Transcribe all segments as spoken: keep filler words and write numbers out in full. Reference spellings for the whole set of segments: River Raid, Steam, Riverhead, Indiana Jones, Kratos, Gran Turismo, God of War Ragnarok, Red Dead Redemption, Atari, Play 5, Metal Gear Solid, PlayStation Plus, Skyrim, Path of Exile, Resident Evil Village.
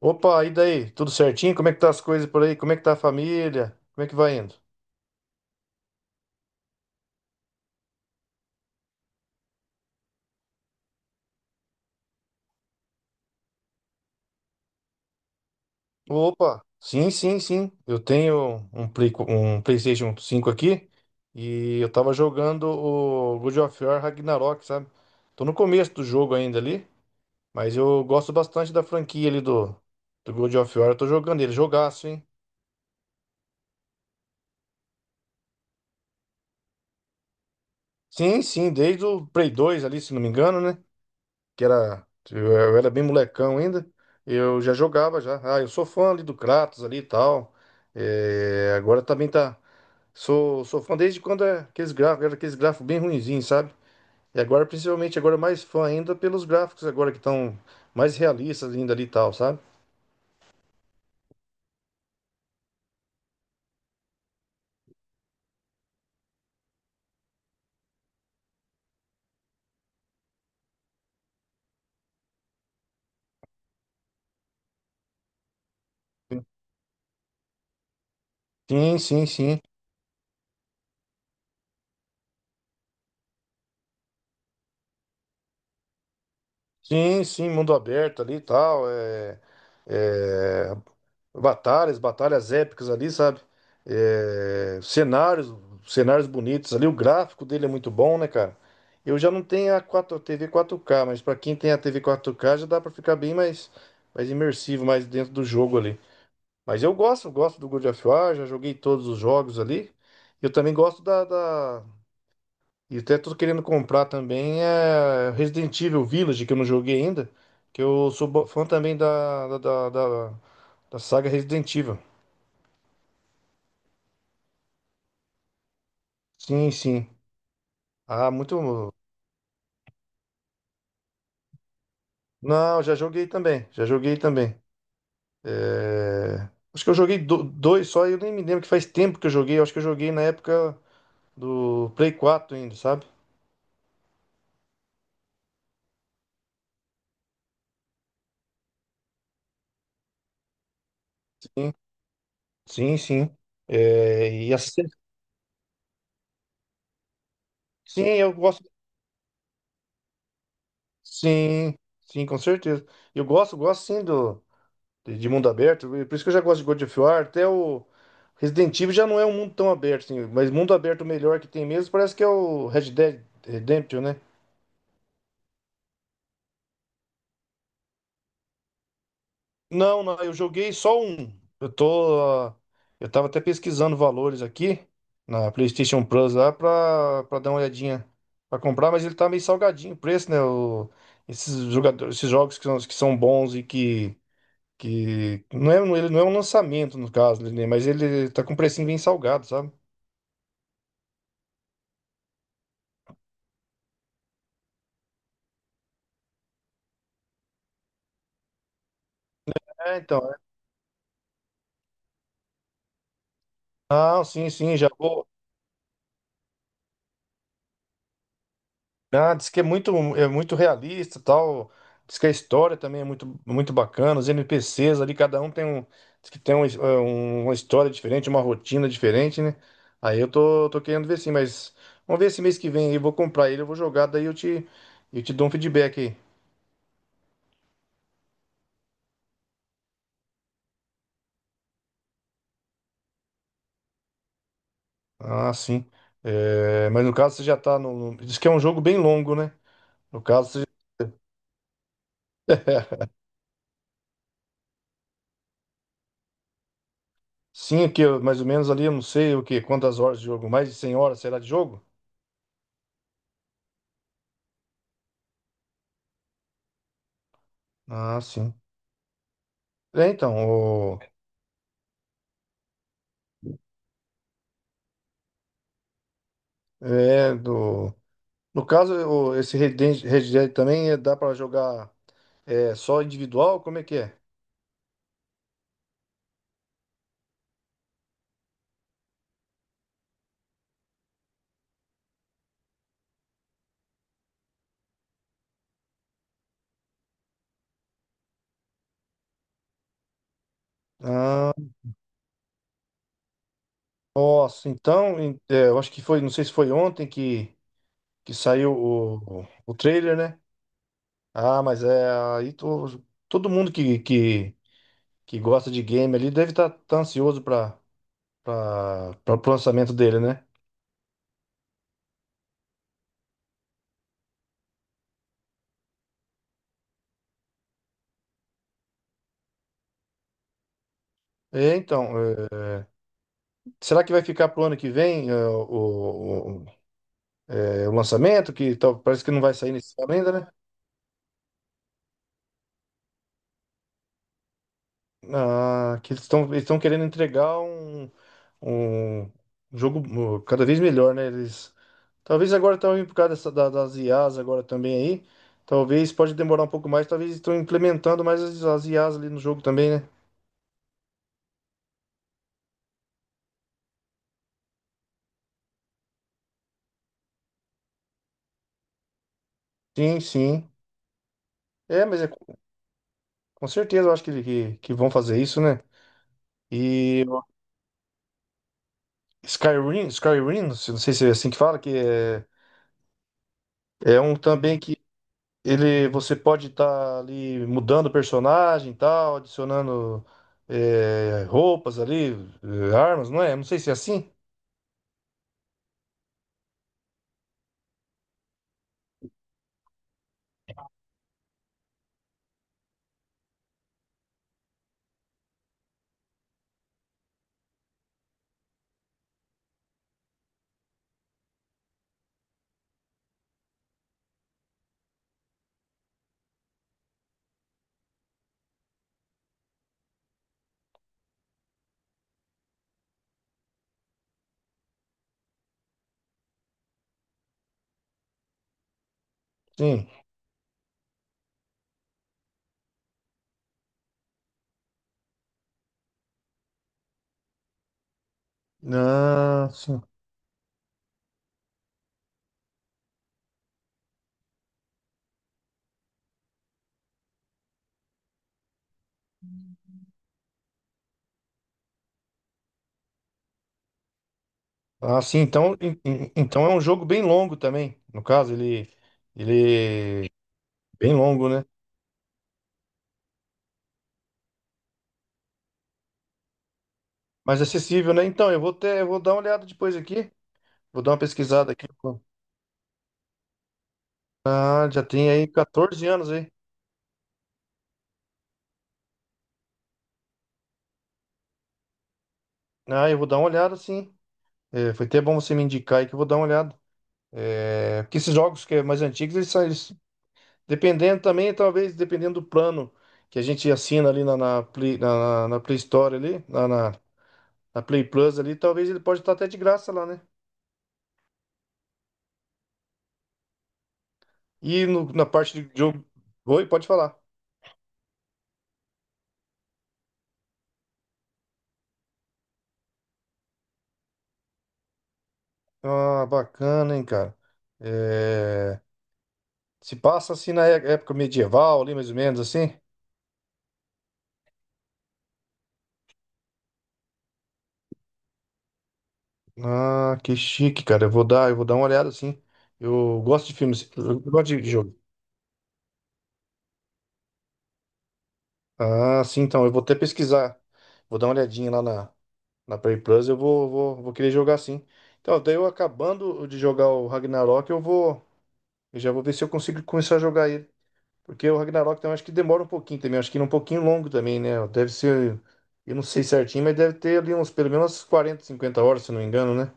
Opa, e daí? Tudo certinho? Como é que tá as coisas por aí? Como é que tá a família? Como é que vai indo? Opa, sim, sim, sim. Eu tenho um Play, co- um PlayStation cinco aqui e eu tava jogando o God of War Ragnarok, sabe? Tô no começo do jogo ainda ali, mas eu gosto bastante da franquia ali do, do God of War. Eu tô jogando ele, jogaço, hein? Sim, sim, desde o Play dois ali, se não me engano, né? Que era, eu eu era bem molecão ainda, eu já jogava já. Ah, eu sou fã ali do Kratos ali e tal. É, agora também tá. Sou, sou fã desde quando é aqueles gráficos, era aqueles gráficos bem ruinzinhos, sabe? E agora, principalmente, agora mais fã ainda pelos gráficos agora que estão mais realistas ainda ali e tal, sabe? Sim, sim, sim. Sim, sim, mundo aberto ali e tal. É, é, batalhas, batalhas épicas ali, sabe? É, cenários, cenários bonitos ali. O gráfico dele é muito bom, né, cara? Eu já não tenho a quatro, T V quatro K, mas pra quem tem a T V quatro K já dá pra ficar bem mais, mais imersivo, mais dentro do jogo ali. Mas eu gosto, gosto do God of War, já joguei todos os jogos ali. Eu também gosto da, da... E até tô querendo comprar também é Resident Evil Village, que eu não joguei ainda, que eu sou bo- fã também da, da, da da- da saga Resident Evil. Sim, sim. Ah, muito. Não, já joguei também. Já joguei também. É, acho que eu joguei do- dois só e eu nem me lembro que faz tempo que eu joguei. Eu acho que eu joguei na época do Play quatro ainda, sabe? Sim, sim, sim. É, e assim. Sim, eu gosto. Sim, sim, com certeza. Eu gosto, gosto sim do... de de mundo aberto. Por isso que eu já gosto de God of War. Até o Resident Evil já não é um mundo tão aberto, assim. Mas mundo aberto melhor que tem mesmo parece que é o Red Dead Redemption, né? Não, não, eu joguei só um. Eu tô. ah, Eu tava até pesquisando valores aqui na PlayStation Plus lá pra, pra dar uma olhadinha pra comprar, mas ele tá meio salgadinho o preço, né? O- esses jogadores, esses jogos que são, que são bons e que, que. Não é, um- ele não é um lançamento, no caso, né? Mas ele tá com um precinho bem salgado, sabe? É, então. Ah, sim, sim, já vou. Ah, diz que é muito, é muito realista, tal. Diz que a história também é muito, muito bacana. Os N P Cs ali, cada um tem um, diz que tem um, eh, um- uma história diferente, uma rotina diferente, né? Aí eu tô, tô querendo ver sim, mas vamos ver esse mês que vem aí, eu vou comprar ele, eu vou jogar, daí eu te, eu te dou um feedback aí. Ah, sim. Eh, mas no caso você já tá no, no- diz que é um jogo bem longo, né? No caso, você- Sim, é que eu- mais ou menos ali, eu não sei o que, quantas horas de jogo, mais de cem horas será de jogo? Ah, sim. É, então, o, é do, no caso, o, esse Red Dead Red Dead também é- dá para jogar é, só individual? Como é que é? Ah, nossa, então, em- é, eu acho que foi, não sei se foi ontem que, que saiu o, o, o trailer, né? Ah, mas é, aí to- todo mundo que, que, que gosta de game ali deve estar ansioso para o lançamento dele, né? É, então, é, será que vai ficar pro ano que vem? é, o, É o lançamento, que tal- parece que não vai sair nesse ano ainda, né? Ah, que eles estão eles estão querendo entregar um, um jogo uh, cada vez melhor, né? Eles, talvez agora também por causa dessa, da- das I As agora também aí, talvez pode demorar um pouco mais, talvez estão implementando mais as, as I As ali no jogo também, né? Sim, sim. É, mas é, com com certeza eu acho que, que, que vão fazer isso, né? E o Skyrim, Skyrim, não sei não sei se é assim que fala, que é, é um também que ele, você pode estar ali mudando o personagem e tal, adicionando eh, roupas ali, eh, armas, não é? Não sei se é assim. Sim. Ah, sim. Ah, sim. Então, en- en- então é um jogo bem longo também. No caso, ele, ele é bem longo, né? Mas acessível, né? Então, eu vou ter, eu vou dar uma olhada depois aqui. Vou dar uma pesquisada aqui. Ah, já tem aí quatorze anos aí. Ah, eu vou dar uma olhada, sim. Eh, foi até bom você me indicar aí que eu vou dar uma olhada. É, porque esses jogos que é mais antigos, eles são, eles- dependendo também, talvez, dependendo do plano que a gente assina ali na, na, Play, na, na Play Store ali, na, na, na Play Plus ali, talvez ele pode estar até de graça lá, né? E no- na parte de jogo. Oi, pode falar. Ah, bacana, hein, cara. É, se passa assim na é- época medieval ali, mais ou menos assim. Ah, que chique, cara. Eu vou dar, eu vou dar uma olhada assim. Eu gosto de filmes, eu gosto de jogo. Ah, sim, então. Eu vou até pesquisar. Vou dar uma olhadinha lá na, na Play Plus. Eu vou, vou, vou querer jogar sim. Então, daí eu acabando de jogar o Ragnarok, eu vou. Eu já vou ver se eu consigo começar a jogar ele. Porque o Ragnarok também acho que demora um pouquinho também. Acho que ele é um pouquinho longo também, né? Deve ser. Eu não sei certinho, mas deve ter ali uns pelo menos quarenta cinquenta horas, se não me engano, né?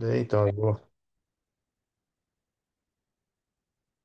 É, então, eu vou.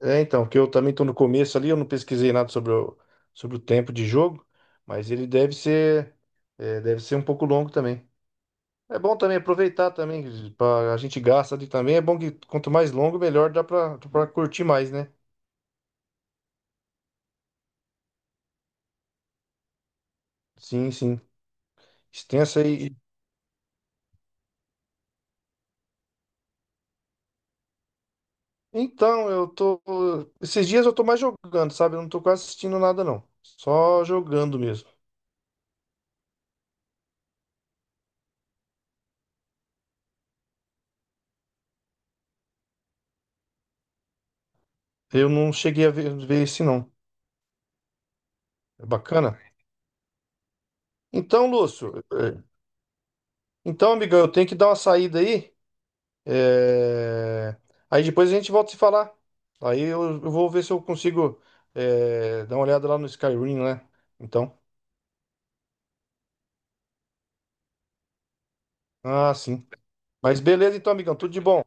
É, então, porque eu também tô no começo ali, eu não pesquisei nada sobre o, sobre o tempo de jogo, mas ele deve ser. é, deve ser um pouco longo também. É bom também aproveitar também, que pra- a gente gasta ali também. É bom que quanto mais longo, melhor dá pra, pra curtir mais, né? Sim, sim. Extensa aí. Então, eu tô. Esses dias eu tô mais jogando, sabe? Eu não tô quase assistindo nada, não. Só jogando mesmo. Eu não cheguei a ver, ver esse, não. É bacana? Então, Lúcio. é, Então, amigão, eu tenho que dar uma saída aí. é, Aí depois a gente volta a se falar. Aí eu, eu vou ver se eu consigo é, dar uma olhada lá no Skyrim, né? Então. Ah, sim. Mas beleza então, amigão. Tudo de bom.